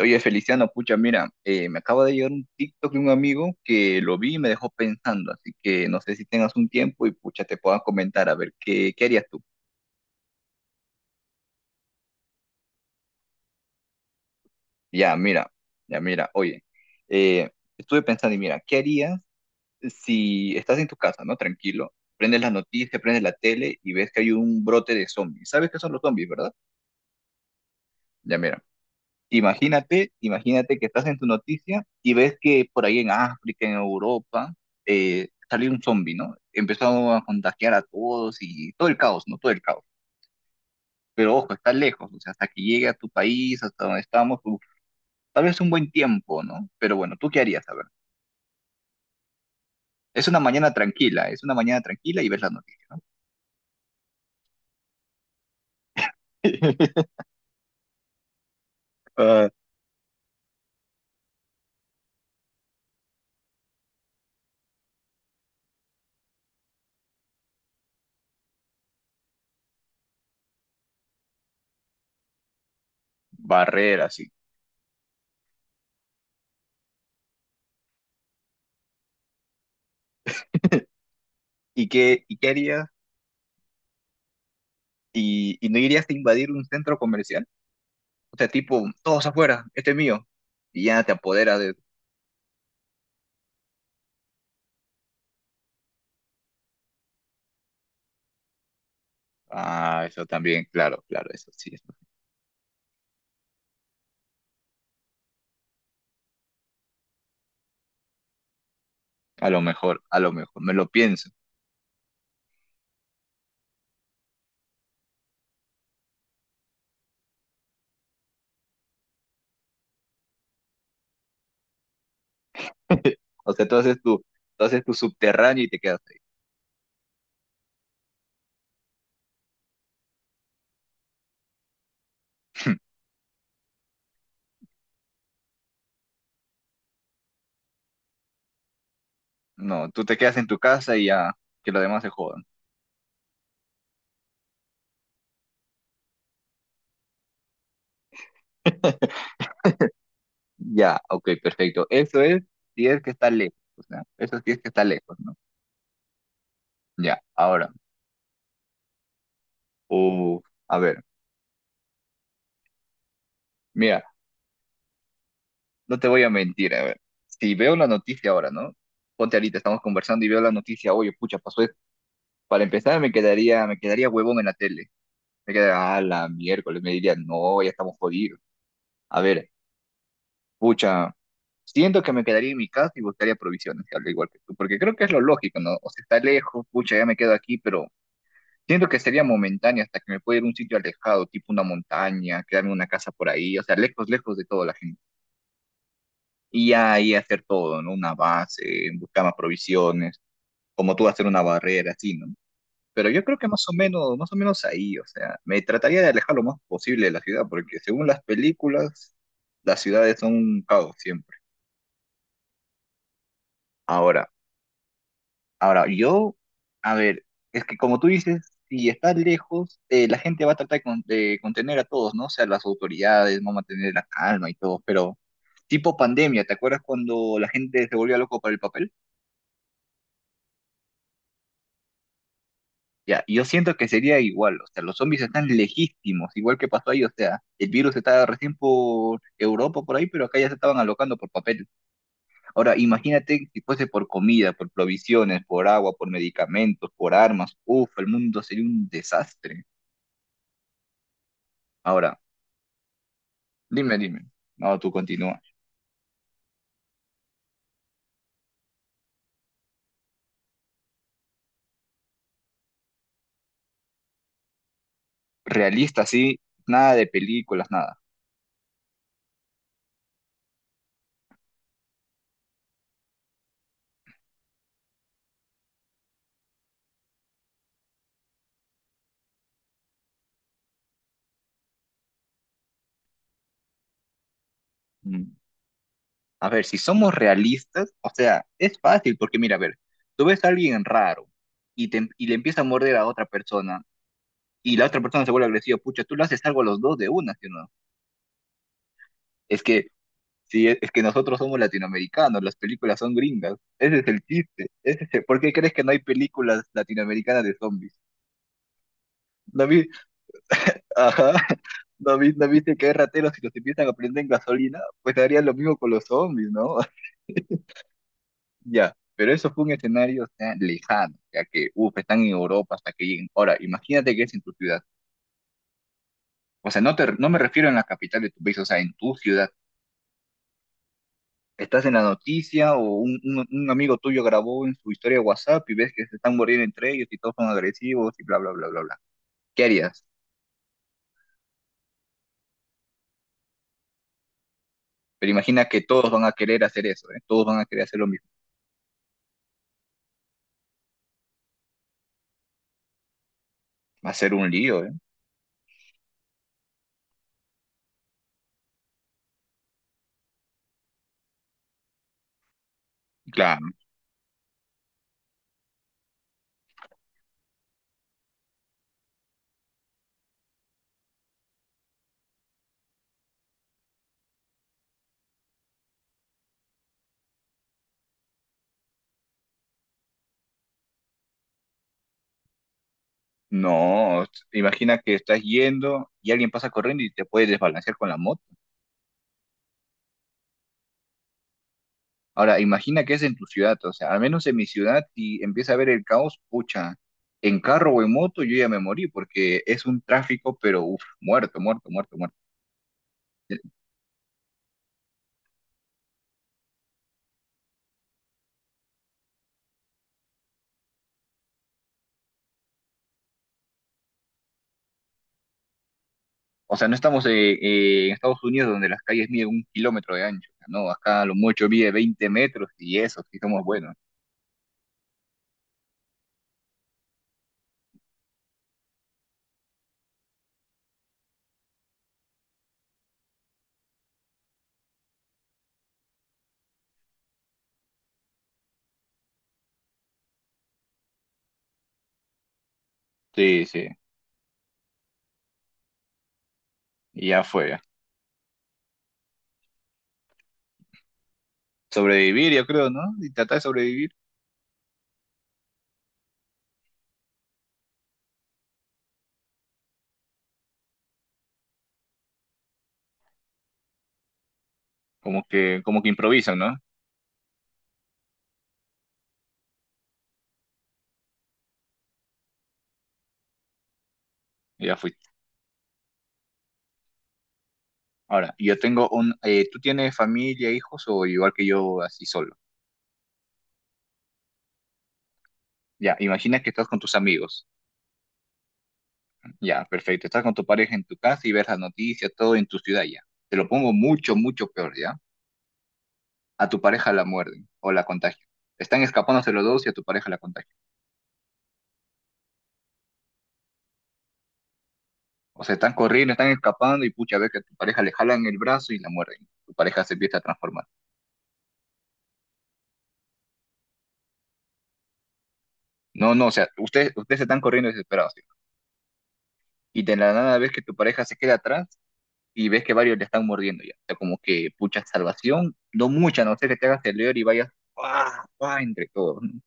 Oye, Feliciano, pucha, mira, me acaba de llegar un TikTok de un amigo que lo vi y me dejó pensando, así que no sé si tengas un tiempo y pucha, te puedas comentar, a ver, ¿qué harías tú? Ya, mira, ya, mira, oye, eh, estuve pensando y mira, ¿qué harías si estás en tu casa, ¿no? Tranquilo, prendes las noticias, prendes la tele y ves que hay un brote de zombies. ¿Sabes qué son los zombies, verdad? Ya, mira. Imagínate que estás en tu noticia y ves que por ahí en África, en Europa, salió un zombie, ¿no? Empezó a contagiar a todos y todo el caos, ¿no? Todo el caos. Pero ojo, está lejos, o sea, hasta que llegue a tu país, hasta donde estamos, uf, tal vez un buen tiempo, ¿no? Pero bueno, ¿tú qué harías? A ver, es una mañana tranquila, es una mañana tranquila y ves la noticia. Ah, barrera, sí. ¿Y qué harías? Y no irías a invadir un centro comercial? O sea, tipo, todos afuera, este es mío. Y ya te apoderas de... Ah, eso también, claro, claro, eso sí. Eso. A lo mejor, me lo pienso. O sea, tú haces tu subterráneo y te quedas ahí. No, tú te quedas en tu casa y ya, que los demás se jodan. Ya, ok, perfecto. Eso es si es que está lejos, o sea, eso sí es que está lejos, ¿no? Ya, ahora. Uh, a ver, mira, no te voy a mentir, a ver. Si veo la noticia ahora, ¿no? Ponte ahorita, estamos conversando y veo la noticia, oye, pucha, pasó. Para empezar, me quedaría huevón en la tele. Me quedaría, ah, la miércoles, me diría, no, ya estamos jodidos. A ver, pucha, siento que me quedaría en mi casa y buscaría provisiones, al igual que tú, porque creo que es lo lógico, ¿no? O sea, está lejos, pucha, ya me quedo aquí, pero siento que sería momentáneo hasta que me pueda ir a un sitio alejado, tipo una montaña, quedarme en una casa por ahí, o sea, lejos, lejos de toda la gente. Y ahí hacer todo, ¿no? Una base, buscar más provisiones, como tú hacer una barrera, así, ¿no? Pero yo creo que más o menos ahí, o sea, me trataría de alejar lo más posible de la ciudad, porque según las películas, las ciudades son un caos siempre. Ahora, ahora, yo, a ver, es que como tú dices, si estás lejos, la gente va a tratar de contener a todos, ¿no? O sea, las autoridades van a mantener la calma y todo, pero tipo pandemia, ¿te acuerdas cuando la gente se volvió loco para el papel? Ya, y yo siento que sería igual, o sea, los zombies están legítimos, igual que pasó ahí, o sea, el virus estaba recién por Europa, por ahí, pero acá ya se estaban alocando por papel. Ahora, imagínate si fuese por comida, por provisiones, por agua, por medicamentos, por armas, uff, el mundo sería un desastre. Ahora, dime, no, tú continúa. Realista, sí, nada de películas, nada. Mm. A ver, si somos realistas, o sea, es fácil, porque mira, a ver, tú ves a alguien raro y, y le empieza a morder a otra persona y la otra persona se vuelve agresiva, pucha, tú le haces algo a los dos de una, ¿sí o no? Es que, sí, es que nosotros somos latinoamericanos, las películas son gringas, ese es el chiste, ese es ¿por qué crees que no hay películas latinoamericanas de zombies? ¿No, vi- Ajá. ¿No, vi- no viste que hay rateros y los empiezan a prender en gasolina? Pues harían lo mismo con los zombies, ¿no? Ya, pero eso fue un escenario, o sea, lejano, ya que, uff, están en Europa hasta que lleguen. Ahora, imagínate que es en tu ciudad. O sea, no, te, no me refiero en la capital de tu país, o sea, en tu ciudad estás en la noticia o un amigo tuyo grabó en su historia de WhatsApp y ves que se están muriendo entre ellos y todos son agresivos y bla, bla, bla, bla, bla. ¿Qué harías? Pero imagina que todos van a querer hacer eso, ¿eh? Todos van a querer hacer lo mismo. Va a ser un lío, ¿eh? Claro. No, imagina que estás yendo y alguien pasa corriendo y te puedes desbalancear con la moto. Ahora, imagina que es en tu ciudad, o sea, al menos en mi ciudad, y empieza a ver el caos, pucha, en carro o en moto yo ya me morí porque es un tráfico, pero uf, muerto, muerto, muerto, muerto. O sea, no estamos en Estados Unidos donde las calles miden un kilómetro de ancho, ¿no? Acá a lo mucho mide 20 metros y eso, sí somos buenos. Sí, sí, y ya fue. Sobrevivir, yo creo, ¿no? Y tratar de sobrevivir, como que improvisan, ¿no? Y ya fuiste. Ahora, yo tengo un... ¿tú tienes familia, hijos o igual que yo, así solo? Ya, imagina que estás con tus amigos. Ya, perfecto. Estás con tu pareja en tu casa y ves las noticias, todo en tu ciudad ya. Te lo pongo mucho, mucho peor, ¿ya? A tu pareja la muerden o la contagian. Están escapándose los dos y a tu pareja la contagian. O sea, están corriendo, están escapando y pucha, ves que a tu pareja le jalan el brazo y la muerden. Tu pareja se empieza a transformar. No, no, o sea, ustedes están corriendo desesperados. ¿Sí? Y de la nada ves que tu pareja se queda atrás y ves que varios le están mordiendo ya. O sea, como que pucha salvación, no mucha, no sé que te hagas el leer y vayas ¡ah! ¡Ah! Entre todos. ¿No?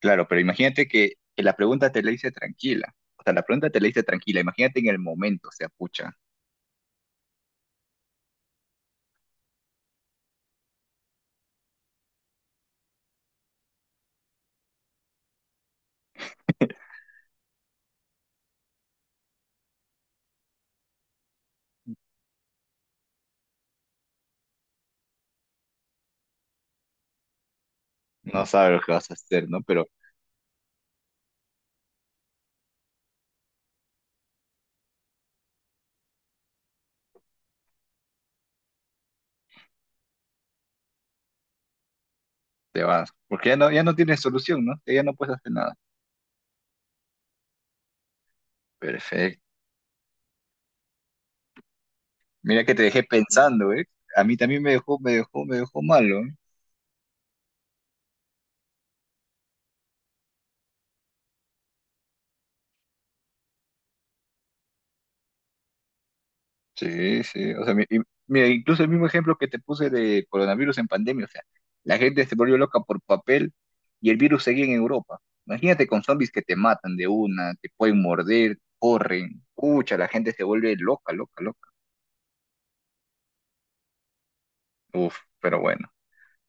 Claro, pero imagínate que la pregunta te la hice tranquila. O sea, la pregunta te la hice tranquila. Imagínate en el momento, o sea, pucha, no sabes lo que vas a hacer, ¿no? Pero te vas, porque ya no, ya no tienes solución, ¿no? Ya no puedes hacer nada. Perfecto. Mira que te dejé pensando, ¿eh? A mí también me dejó, me dejó, me dejó malo, ¿eh? Sí, sí, o sea, mira, incluso el mismo ejemplo que te puse de coronavirus en pandemia, o sea, la gente se volvió loca por papel y el virus seguía en Europa. Imagínate con zombies que te matan de una, te pueden morder, corren, pucha, la gente se vuelve loca, loca, loca. Uf, pero bueno.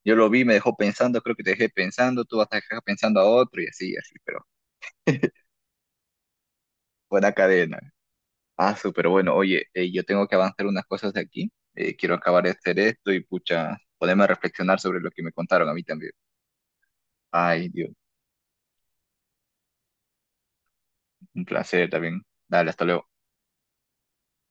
Yo lo vi, me dejó pensando, creo que te dejé pensando, tú vas a dejar pensando a otro y así, así, pero buena cadena. Ah, súper bueno. Oye, yo tengo que avanzar unas cosas de aquí. Quiero acabar de hacer esto y pucha, ponerme a reflexionar sobre lo que me contaron a mí también. Ay, Dios, un placer también. Dale, hasta luego.